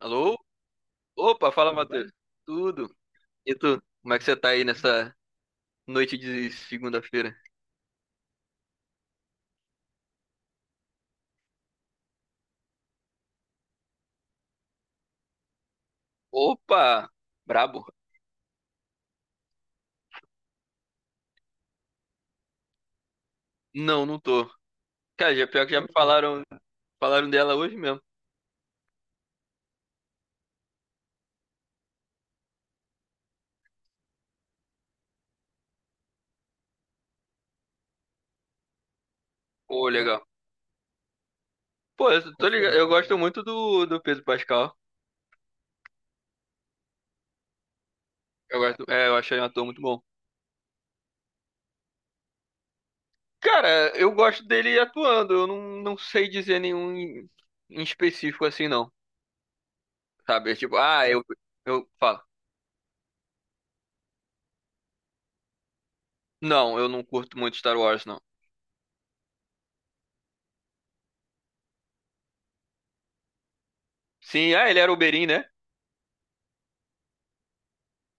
Alô? Opa, fala, tudo Matheus. Bem? Tudo? E tu? Como é que você tá aí nessa noite de segunda-feira? Opa! Brabo? Não, não tô. Cara, já, pior que já me falaram, dela hoje mesmo. Pô, é? Legal. Pô, eu tô ligado. Eu gosto muito do Pedro Pascal. Eu gosto, é, eu achei um ator muito bom. Cara, eu gosto dele atuando. Eu não, não sei dizer nenhum em, específico assim, não. Sabe? É tipo, eu falo. Não, eu não curto muito Star Wars, não. Sim, ah, ele era o Oberyn, né?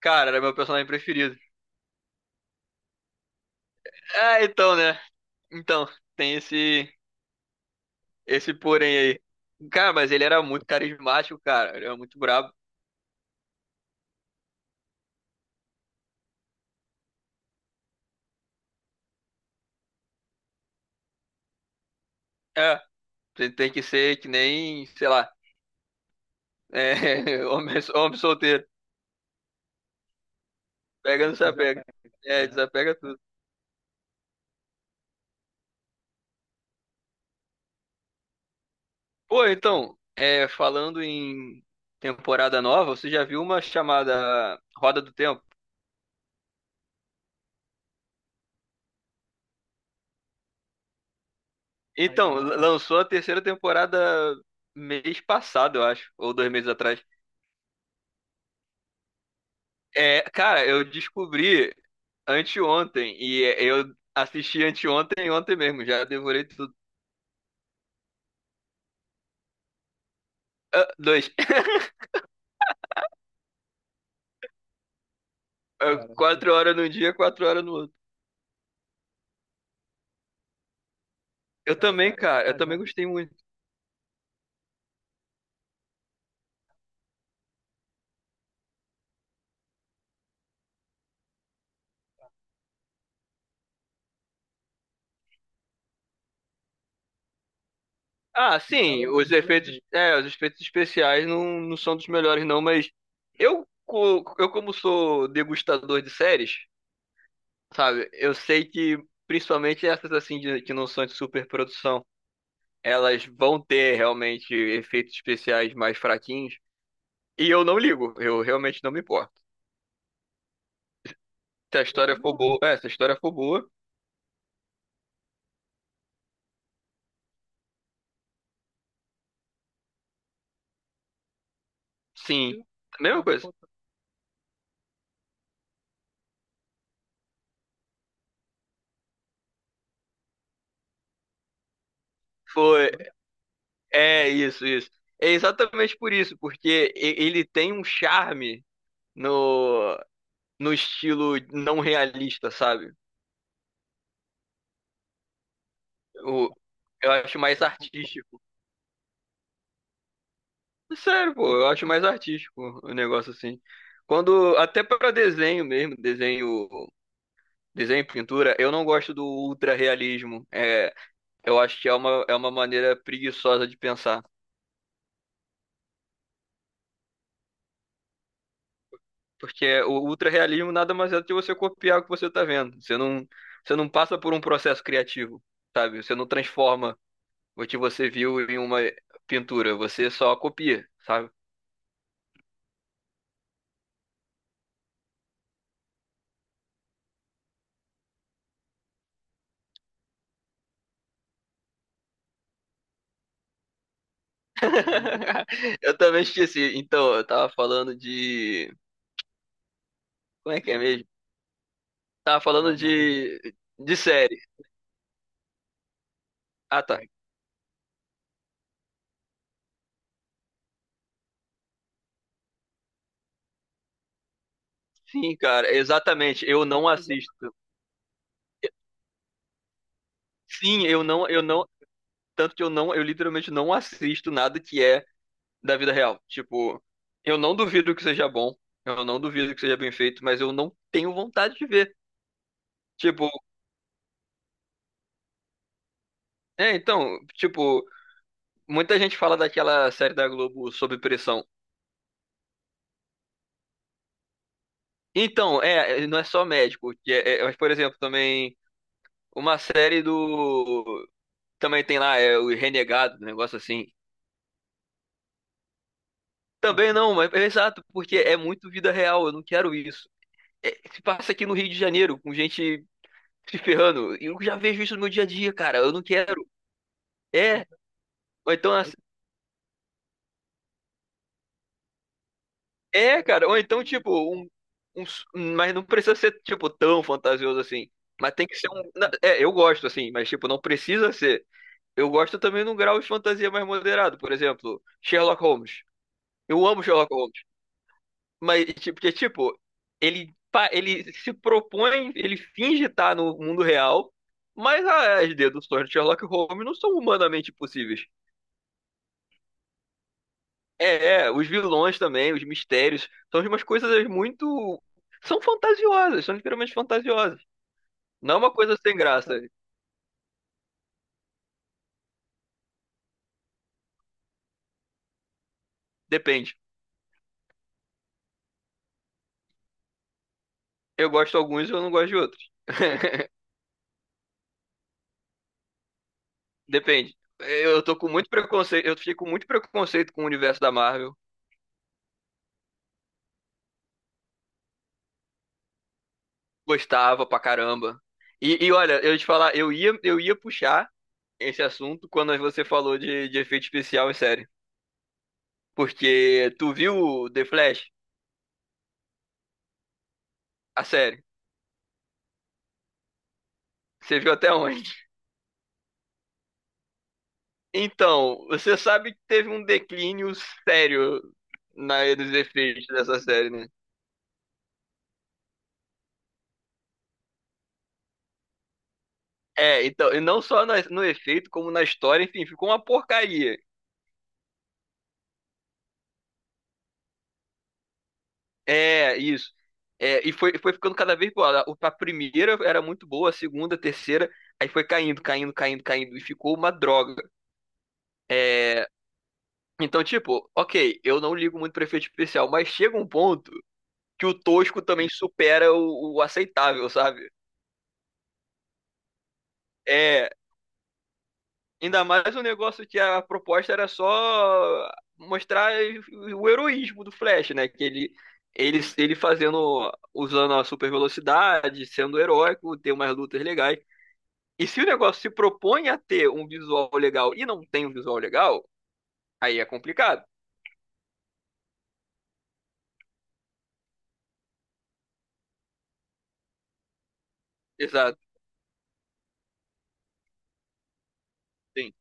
Cara, era meu personagem preferido. Ah, então, né? Então, tem esse porém aí. Cara, mas ele era muito carismático, cara. Ele era muito brabo. É, você tem que ser que nem, sei lá, é, homem solteiro. Pega, não se apega. É, aham. Desapega tudo. Pô, então, é, falando em temporada nova, você já viu uma chamada Roda do Tempo? Então, lançou a terceira temporada mês passado, eu acho, ou 2 meses atrás. É, cara, eu descobri anteontem. E eu assisti anteontem e ontem mesmo. Já devorei tudo. Ah, dois. Ah, cara, 4 horas num dia, 4 horas no outro. Eu, cara, também, tá, cara, eu tá também já gostei muito. Ah, tá sim, valendo os muito efeitos, pena. É, os efeitos especiais não, são dos melhores, não, mas eu, eu como sou degustador de séries, sabe, eu sei que principalmente essas assim que não são de superprodução, elas vão ter realmente efeitos especiais mais fraquinhos. E eu não ligo, eu realmente não me importo. Se a história for boa. É, se a história for boa, sim. Mesma coisa. Foi. É isso, isso. É exatamente por isso, porque ele tem um charme no, no, estilo não realista, sabe? O, eu acho mais artístico. É sério, pô, eu acho mais artístico o negócio assim. Quando, até para desenho mesmo, desenho e pintura, eu não gosto do ultra realismo. É, eu acho que é uma maneira preguiçosa de pensar. Porque o ultra-realismo nada mais é do que você copiar o que você tá vendo. você não, passa por um processo criativo, sabe? Você não transforma o que você viu em uma pintura, você só copia, sabe? Eu também esqueci. Então, eu tava falando de. Como é que é mesmo? Tava falando de série. Ah, tá. Sim, cara, exatamente. Eu não assisto. Sim, eu não, eu não. Tanto que eu literalmente não assisto nada que é da vida real. Tipo, eu não duvido que seja bom, eu não duvido que seja bem feito, mas eu não tenho vontade de ver. Tipo, é, então, tipo, muita gente fala daquela série da Globo Sob Pressão. Então, é, não é só médico, que é, mas, por exemplo, também uma série do. Também tem lá, é o Renegado, um negócio assim. Também não, mas é exato, porque é muito vida real, eu não quero isso. É, se passa aqui no Rio de Janeiro, com gente se ferrando, eu já vejo isso no meu dia a dia, cara, eu não quero. É, ou então, assim, é, cara, ou então, tipo, mas não precisa ser, tipo, tão fantasioso assim. Mas tem que ser um. É, eu gosto, assim, mas, tipo, não precisa ser. Eu gosto também num grau de fantasia mais moderado. Por exemplo, Sherlock Holmes. Eu amo Sherlock Holmes. Mas, tipo, porque, tipo, ele se propõe, ele finge estar no mundo real, mas é, as deduções de Sherlock Holmes não são humanamente possíveis. É, os vilões também, os mistérios, são umas coisas muito. São fantasiosas, são literalmente fantasiosas. Não é uma coisa sem graça. Depende. Eu gosto de alguns e eu não gosto de outros. Depende. Eu tô com muito preconceito, eu fiquei com muito preconceito com o universo da Marvel. Gostava pra caramba. E olha, eu ia te falar, eu ia puxar esse assunto quando você falou de, efeito especial em série. Porque tu viu The Flash? A série. Você viu até onde? Então, você sabe que teve um declínio sério nos efeitos dessa série, né? É, então, e não só no efeito, como na história, enfim, ficou uma porcaria. É, isso. É, e foi ficando cada vez pior. A primeira era muito boa, a segunda, a terceira, aí foi caindo, caindo, caindo, caindo, e ficou uma droga. É, então, tipo, ok, eu não ligo muito pra efeito especial, mas chega um ponto que o tosco também supera o, aceitável, sabe? É. Ainda mais o negócio que a proposta era só mostrar o heroísmo do Flash, né? Que ele fazendo, usando a super velocidade, sendo heróico, ter umas lutas legais. E se o negócio se propõe a ter um visual legal e não tem um visual legal, aí é complicado. Exato, sim,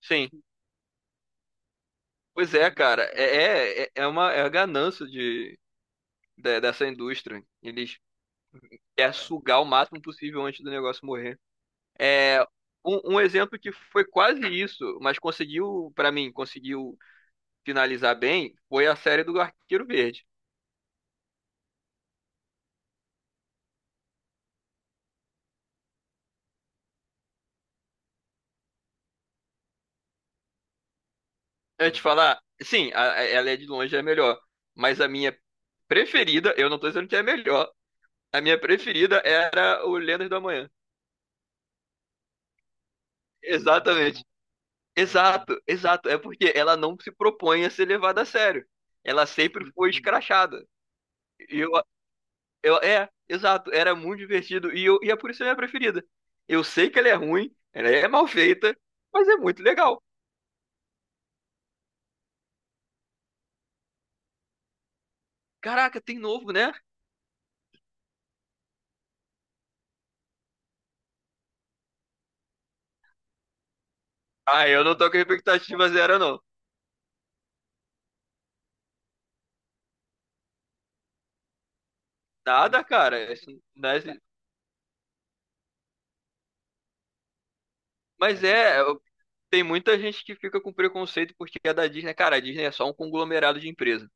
sim. Pois é, cara, é, é, é é uma é a ganância de, dessa indústria. Eles querem sugar o máximo possível antes do negócio morrer. É, um exemplo que foi quase isso, mas conseguiu, pra mim, conseguiu finalizar bem, foi a série do Arqueiro Verde. Antes de falar, sim, ela é de longe a melhor, mas a minha preferida, eu não tô dizendo que é a melhor, a minha preferida era o Lendas do Amanhã. Exatamente. Exato, exato. É porque ela não se propõe a ser levada a sério. Ela sempre foi escrachada. E eu, é, exato, era muito divertido e, e é por isso que é a minha preferida. Eu sei que ela é ruim, ela é mal feita, mas é muito legal. Caraca, tem novo, né? Ah, eu não tô com expectativa zero, não. Nada, cara. Isso não é- Mas é, tem muita gente que fica com preconceito porque é da Disney. Cara, a Disney é só um conglomerado de empresa.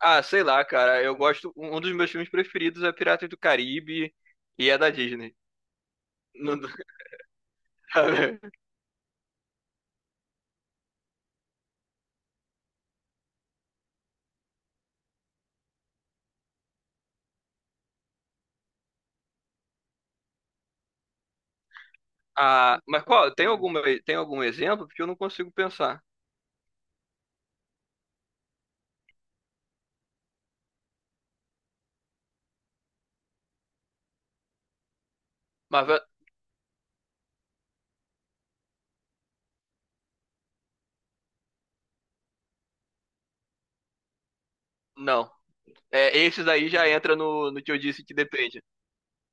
Ah, sei lá, cara, eu gosto. Um dos meus filmes preferidos é Piratas do Caribe e é da Disney. Não- Ah, mas qual? Tem algum exemplo? Porque eu não consigo pensar. Mas não. É, esses aí já entra no, que eu disse que depende.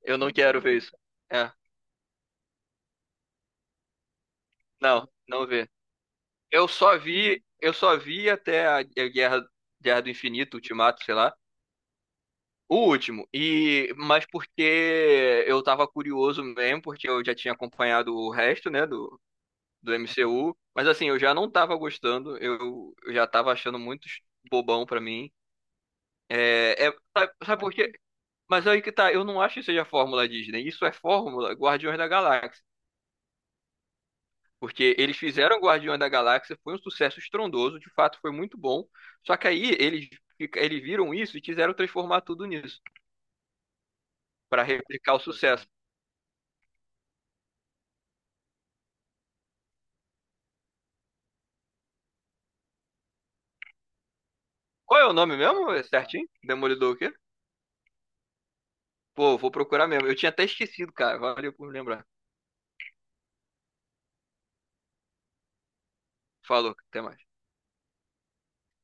Eu não quero ver isso. É. Não, não vê. Eu só vi até a Guerra do Infinito, Ultimato, sei lá. O último. E mas porque eu tava curioso mesmo, porque eu já tinha acompanhado o resto, né, do MCU, mas assim, eu já não tava gostando, eu já tava achando muito bobão pra mim. Sabe por quê? Mas aí que tá, eu não acho que seja fórmula Disney. Isso é fórmula Guardiões da Galáxia. Porque eles fizeram Guardiões da Galáxia, foi um sucesso estrondoso, de fato foi muito bom. Só que aí eles viram isso e quiseram transformar tudo nisso, pra replicar o sucesso. Qual é o nome mesmo? É certinho? Demolidor o quê? Pô, vou procurar mesmo. Eu tinha até esquecido, cara. Valeu por lembrar. Falou, até mais.